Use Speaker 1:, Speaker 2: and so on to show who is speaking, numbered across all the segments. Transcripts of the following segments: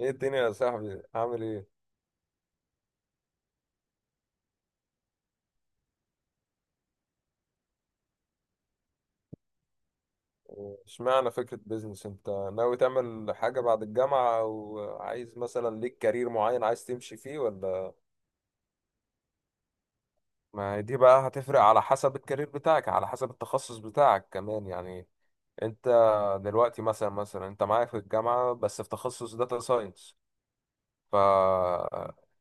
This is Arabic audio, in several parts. Speaker 1: ايه الدنيا يا صاحبي عامل ايه؟ اشمعنى فكرة بيزنس؟ انت ناوي تعمل حاجة بعد الجامعة او عايز مثلا ليك كارير معين عايز تمشي فيه ولا؟ ما هي دي بقى هتفرق على حسب الكارير بتاعك، على حسب التخصص بتاعك كمان يعني. انت دلوقتي مثلا انت معايا في الجامعة بس في تخصص داتا ساينس. ف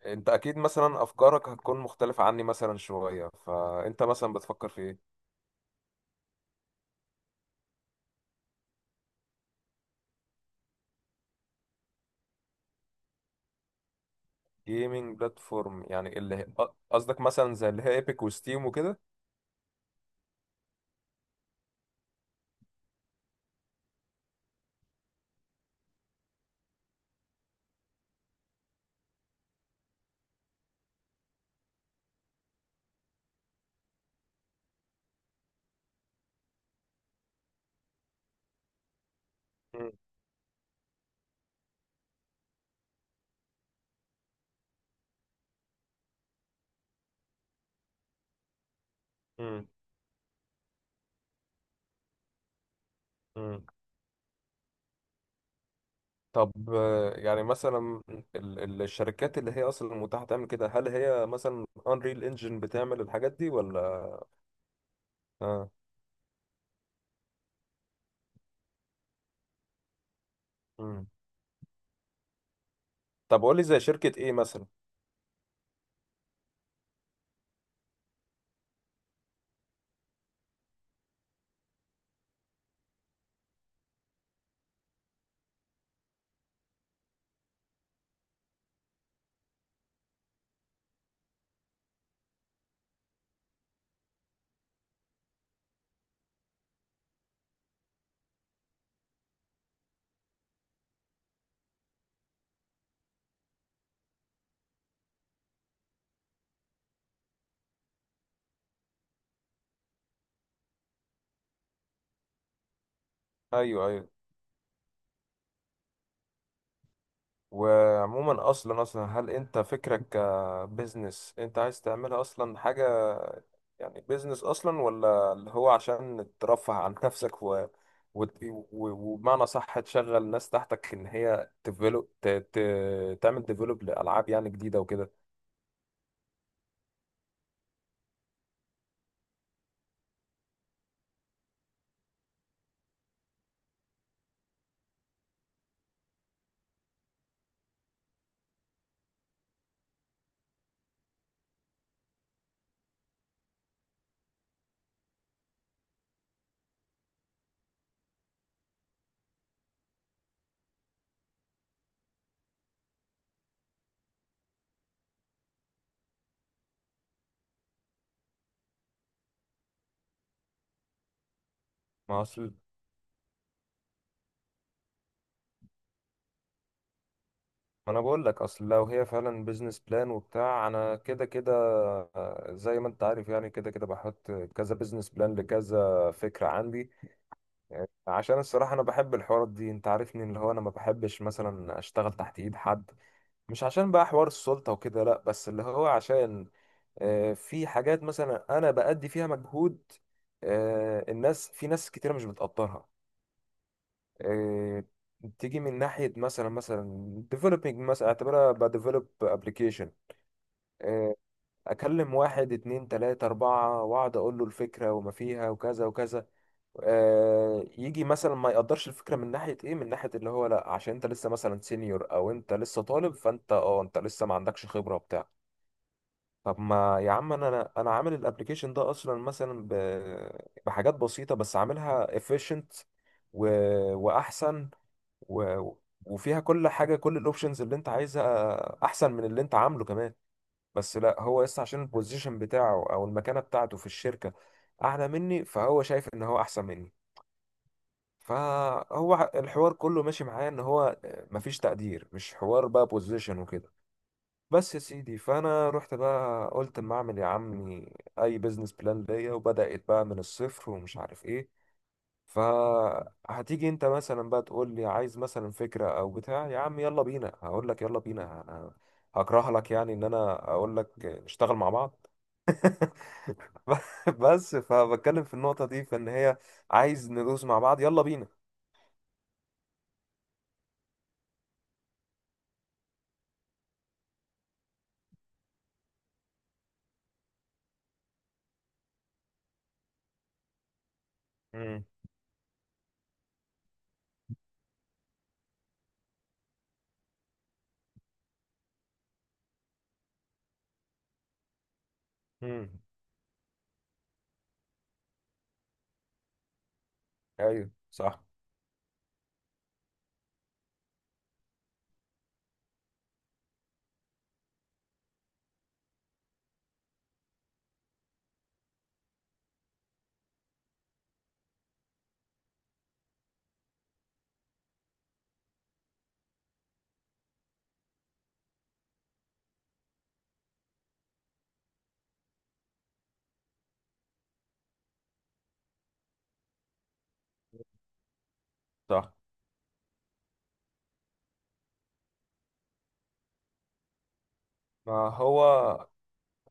Speaker 1: انت اكيد مثلا افكارك هتكون مختلفة عني مثلا شوية، فانت مثلا بتفكر في ايه؟ جيمنج بلاتفورم يعني قصدك مثلا زي اللي هي ايبك وستيم وكده؟ مم. مم. مم. طب، يعني مثلا الشركات اللي هي اصلا متاحه تعمل كده، هل هي مثلا انريل انجن بتعمل الحاجات دي ولا؟ اه. مم. طب قول لي زي شركه ايه مثلا. ايوه، ايوه. وعموما اصلا هل انت فكرك كبزنس؟ انت عايز تعملها اصلا حاجه يعني بزنس اصلا، ولا اللي هو عشان ترفه عن نفسك وبمعنى صح تشغل ناس تحتك ان هي تعمل ديفلوب لالعاب يعني جديده وكده؟ ما اصل ما انا بقول لك، اصل لو هي فعلا بيزنس بلان وبتاع انا كده كده، زي ما انت عارف، يعني كده كده بحط كذا بيزنس بلان لكذا فكرة عندي. عشان الصراحة انا بحب الحوارات دي، انت عارفني، اللي هو انا ما بحبش مثلا اشتغل تحت ايد حد. مش عشان بقى حوار السلطة وكده، لا، بس اللي هو عشان في حاجات مثلا انا بأدي فيها مجهود، الناس، في ناس كتيرة مش بتقدرها. آه، تيجي من ناحية مثلا developing، مثلا اعتبرها ب develop application. آه، أكلم واحد اتنين تلاتة أربعة وأقعد أقول له الفكرة وما فيها وكذا وكذا، يجي مثلا ما يقدرش الفكرة من ناحية إيه؟ من ناحية اللي هو لأ، عشان أنت لسه مثلا سينيور، أو أنت لسه طالب، فأنت أنت لسه ما عندكش خبرة وبتاع. طب ما يا عم، أنا عامل الابلكيشن ده أصلا مثلا بحاجات بسيطة، بس عاملها efficient و... وأحسن و... وفيها كل حاجه، كل الاوبشنز اللي انت عايزها، احسن من اللي انت عامله كمان. بس لا، هو لسه عشان البوزيشن بتاعه او المكانه بتاعته في الشركه اعلى مني، فهو شايف ان هو احسن مني. فهو الحوار كله ماشي معايا ان هو مفيش تقدير. مش حوار بقى بوزيشن وكده. بس يا سيدي، فانا رحت بقى قلت اما اعمل يا عمي اي بزنس بلان ليا، وبدات بقى من الصفر ومش عارف ايه. فهتيجي انت مثلا بقى تقول لي عايز مثلا فكرة او بتاع، يا عم يلا بينا، هقول لك يلا بينا، انا هكره لك يعني ان انا اقول لك نشتغل مع بعض. بس فبتكلم في النقطة دي فان هي عايز ندوس مع بعض، يلا بينا. امم امم ايوه، صح. صح. ما هو،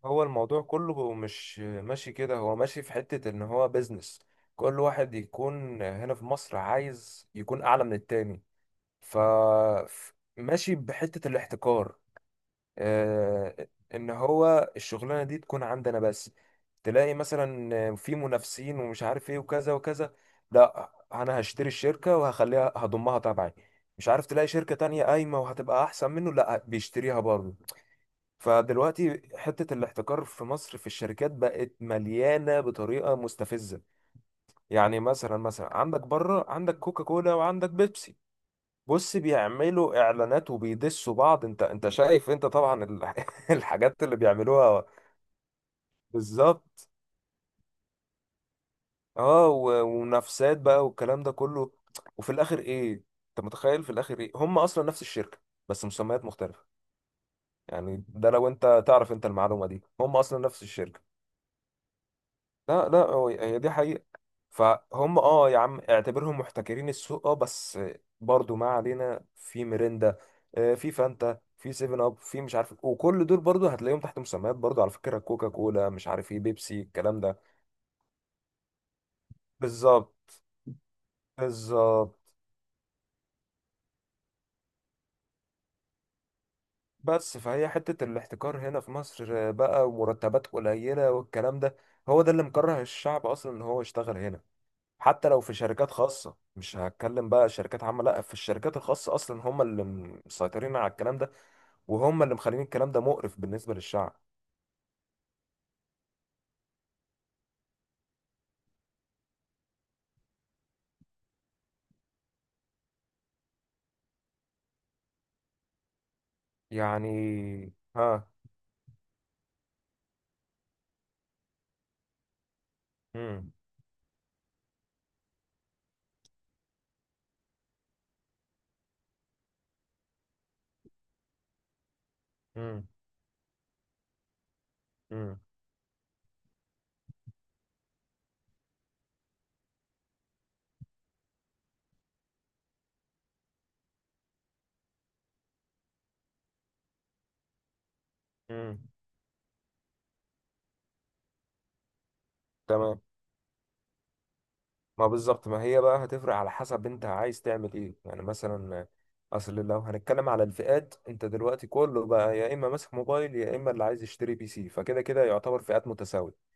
Speaker 1: هو الموضوع كله مش ماشي كده، هو ماشي في حتة ان هو بيزنس، كل واحد يكون هنا في مصر عايز يكون اعلى من التاني. ف ماشي بحتة الاحتكار، آه، ان هو الشغلانة دي تكون عندنا بس. تلاقي مثلا في منافسين ومش عارف ايه وكذا وكذا، لا انا هشتري الشركة وهخليها، هضمها تبعي. مش عارف تلاقي شركة تانية قايمة وهتبقى احسن منه، لا بيشتريها برضه. فدلوقتي حتة الاحتكار في مصر في الشركات بقت مليانة بطريقة مستفزة. يعني مثلا عندك بره عندك كوكا كولا وعندك بيبسي. بص بيعملوا اعلانات وبيدسوا بعض، انت شايف انت طبعا الحاجات اللي بيعملوها. بالظبط. اه ومنافسات بقى والكلام ده كله. وفي الاخر ايه؟ انت متخيل في الاخر ايه؟ هم اصلا نفس الشركة، بس مسميات مختلفة. يعني ده لو انت تعرف انت المعلومة دي، هم اصلا نفس الشركة. لا، لا، هي دي حقيقة. فهم، اه يا عم، اعتبرهم محتكرين السوق، اه، بس برضو ما علينا في ميريندا، في فانتا، في سيفن اب، في مش عارف، وكل دول برضو هتلاقيهم تحت مسميات، برضو على فكرة كوكا كولا مش عارف ايه بيبسي الكلام ده. بالظبط. بالظبط. بس فهي حتة الاحتكار هنا في مصر بقى، ومرتبات قليلة والكلام ده، هو ده اللي مكره الشعب اصلا ان هو يشتغل هنا. حتى لو في شركات خاصة، مش هتكلم بقى شركات عامة، لا، في الشركات الخاصة أصلا هم اللي مسيطرين على الكلام ده، وهم اللي مخلين الكلام ده مقرف بالنسبة للشعب. يعني ها. مم. مم. مم. مم. تمام. ما بالظبط، ما هي بقى هتفرق على حسب انت عايز تعمل ايه يعني. مثلا اصل لو هنتكلم على الفئات، انت دلوقتي كله بقى يا اما ماسك موبايل يا اما اللي عايز يشتري بي سي، فكده كده يعتبر فئات متساوية.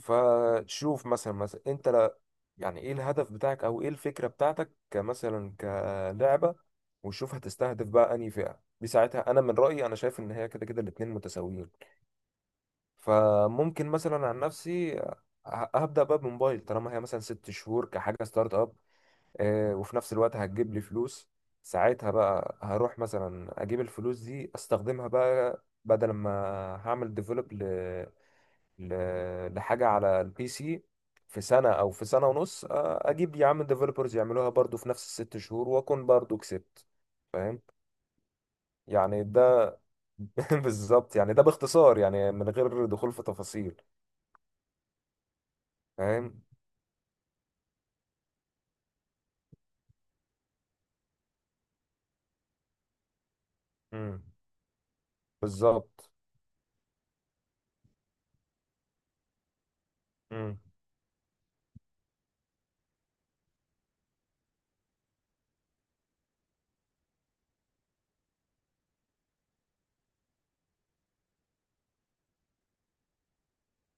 Speaker 1: فشوف مثلا انت يعني ايه الهدف بتاعك، او ايه الفكرة بتاعتك كمثلا كلعبة؟ وشوف هتستهدف بقى انهي فئة. دي ساعتها انا من رأيي، انا شايف ان هي كده كده الاتنين متساويين. فممكن مثلا عن نفسي هبدأ بقى بموبايل طالما هي مثلا ست شهور كحاجة ستارت اب، وفي نفس الوقت هتجيب لي فلوس. ساعتها بقى هروح مثلا اجيب الفلوس دي استخدمها بقى، بدل ما هعمل ديفلوب لحاجة على البي سي في سنة أو في سنة ونص، أجيب يا عم ديفلوبرز يعملوها برضو في نفس الست شهور وأكون برضو كسبت. فاهم؟ يعني ده بالظبط. يعني ده باختصار يعني من غير دخول في تفاصيل. فاهم. مم. بالظبط. مم.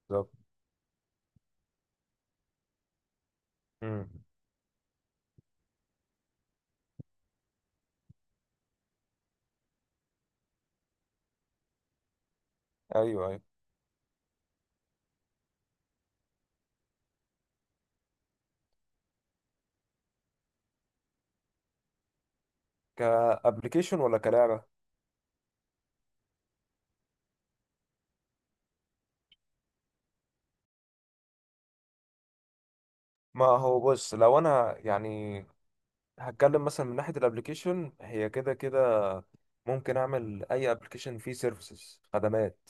Speaker 1: بالظبط. مم. أيوه، أيوه. كأبليكيشن ولا كلعبة؟ ما هو بص، لو أنا يعني هتكلم مثلا من ناحية الابليكيشن هي كده كده ممكن أعمل أي ابليكيشن فيه سيرفيسز، خدمات.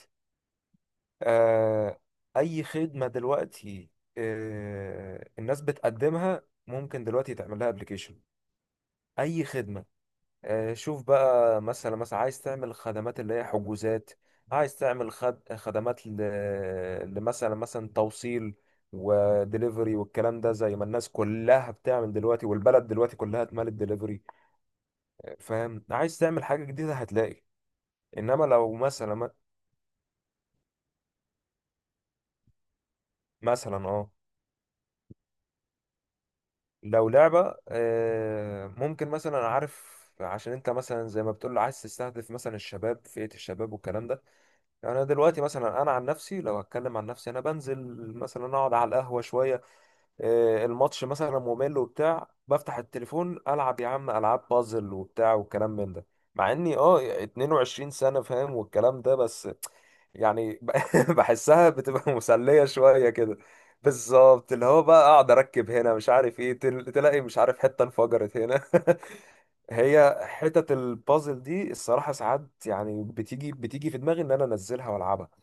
Speaker 1: آه، أي خدمة دلوقتي الناس بتقدمها ممكن دلوقتي تعمل لها ابلكيشن. أي خدمة. شوف بقى مثلا عايز تعمل خدمات اللي هي حجوزات، عايز تعمل خدمات لمثلا، مثلا توصيل ودليفري والكلام ده، زي ما الناس كلها بتعمل دلوقتي، والبلد دلوقتي كلها اتملت دليفري. فاهم؟ عايز تعمل حاجة جديدة هتلاقي. انما لو مثلا، مثلا لو لعبة، ممكن مثلا عارف، عشان انت مثلا زي ما بتقول عايز تستهدف مثلا الشباب، فئة الشباب والكلام ده. يعني انا دلوقتي مثلا، انا عن نفسي، لو هتكلم عن نفسي، انا بنزل مثلا اقعد على القهوة شوية، الماتش مثلا ممل وبتاع، بفتح التليفون العب يا عم العاب بازل وبتاع والكلام من ده. مع اني 22 سنة، فاهم، والكلام ده. بس يعني بحسها بتبقى مسلية شوية كده. بالظبط، اللي هو بقى اقعد اركب هنا مش عارف ايه، تلاقي مش عارف حتة انفجرت هنا. هي حتت البازل دي الصراحة ساعات يعني بتيجي بتيجي في دماغي ان انا انزلها والعبها.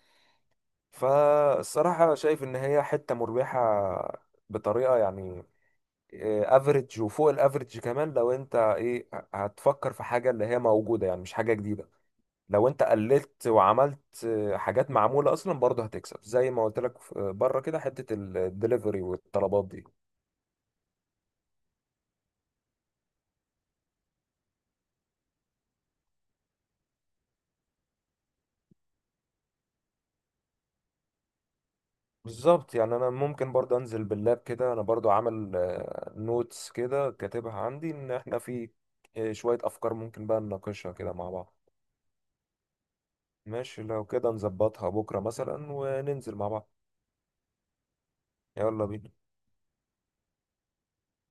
Speaker 1: فالصراحة شايف ان هي حتة مربحة بطريقة يعني افريج وفوق الافريج كمان. لو انت ايه، هتفكر في حاجه اللي هي موجوده يعني مش حاجه جديده، لو انت قللت وعملت حاجات معموله اصلا برضه هتكسب زي ما قلت لك بره كده حته الدليفري والطلبات دي. بالظبط. يعني انا ممكن برضه انزل باللاب كده، انا برضه عامل نوتس كده كاتبها عندي ان احنا في شويه افكار ممكن بقى نناقشها كده مع بعض. ماشي، لو كده نظبطها بكره مثلا وننزل مع بعض. يلا بينا.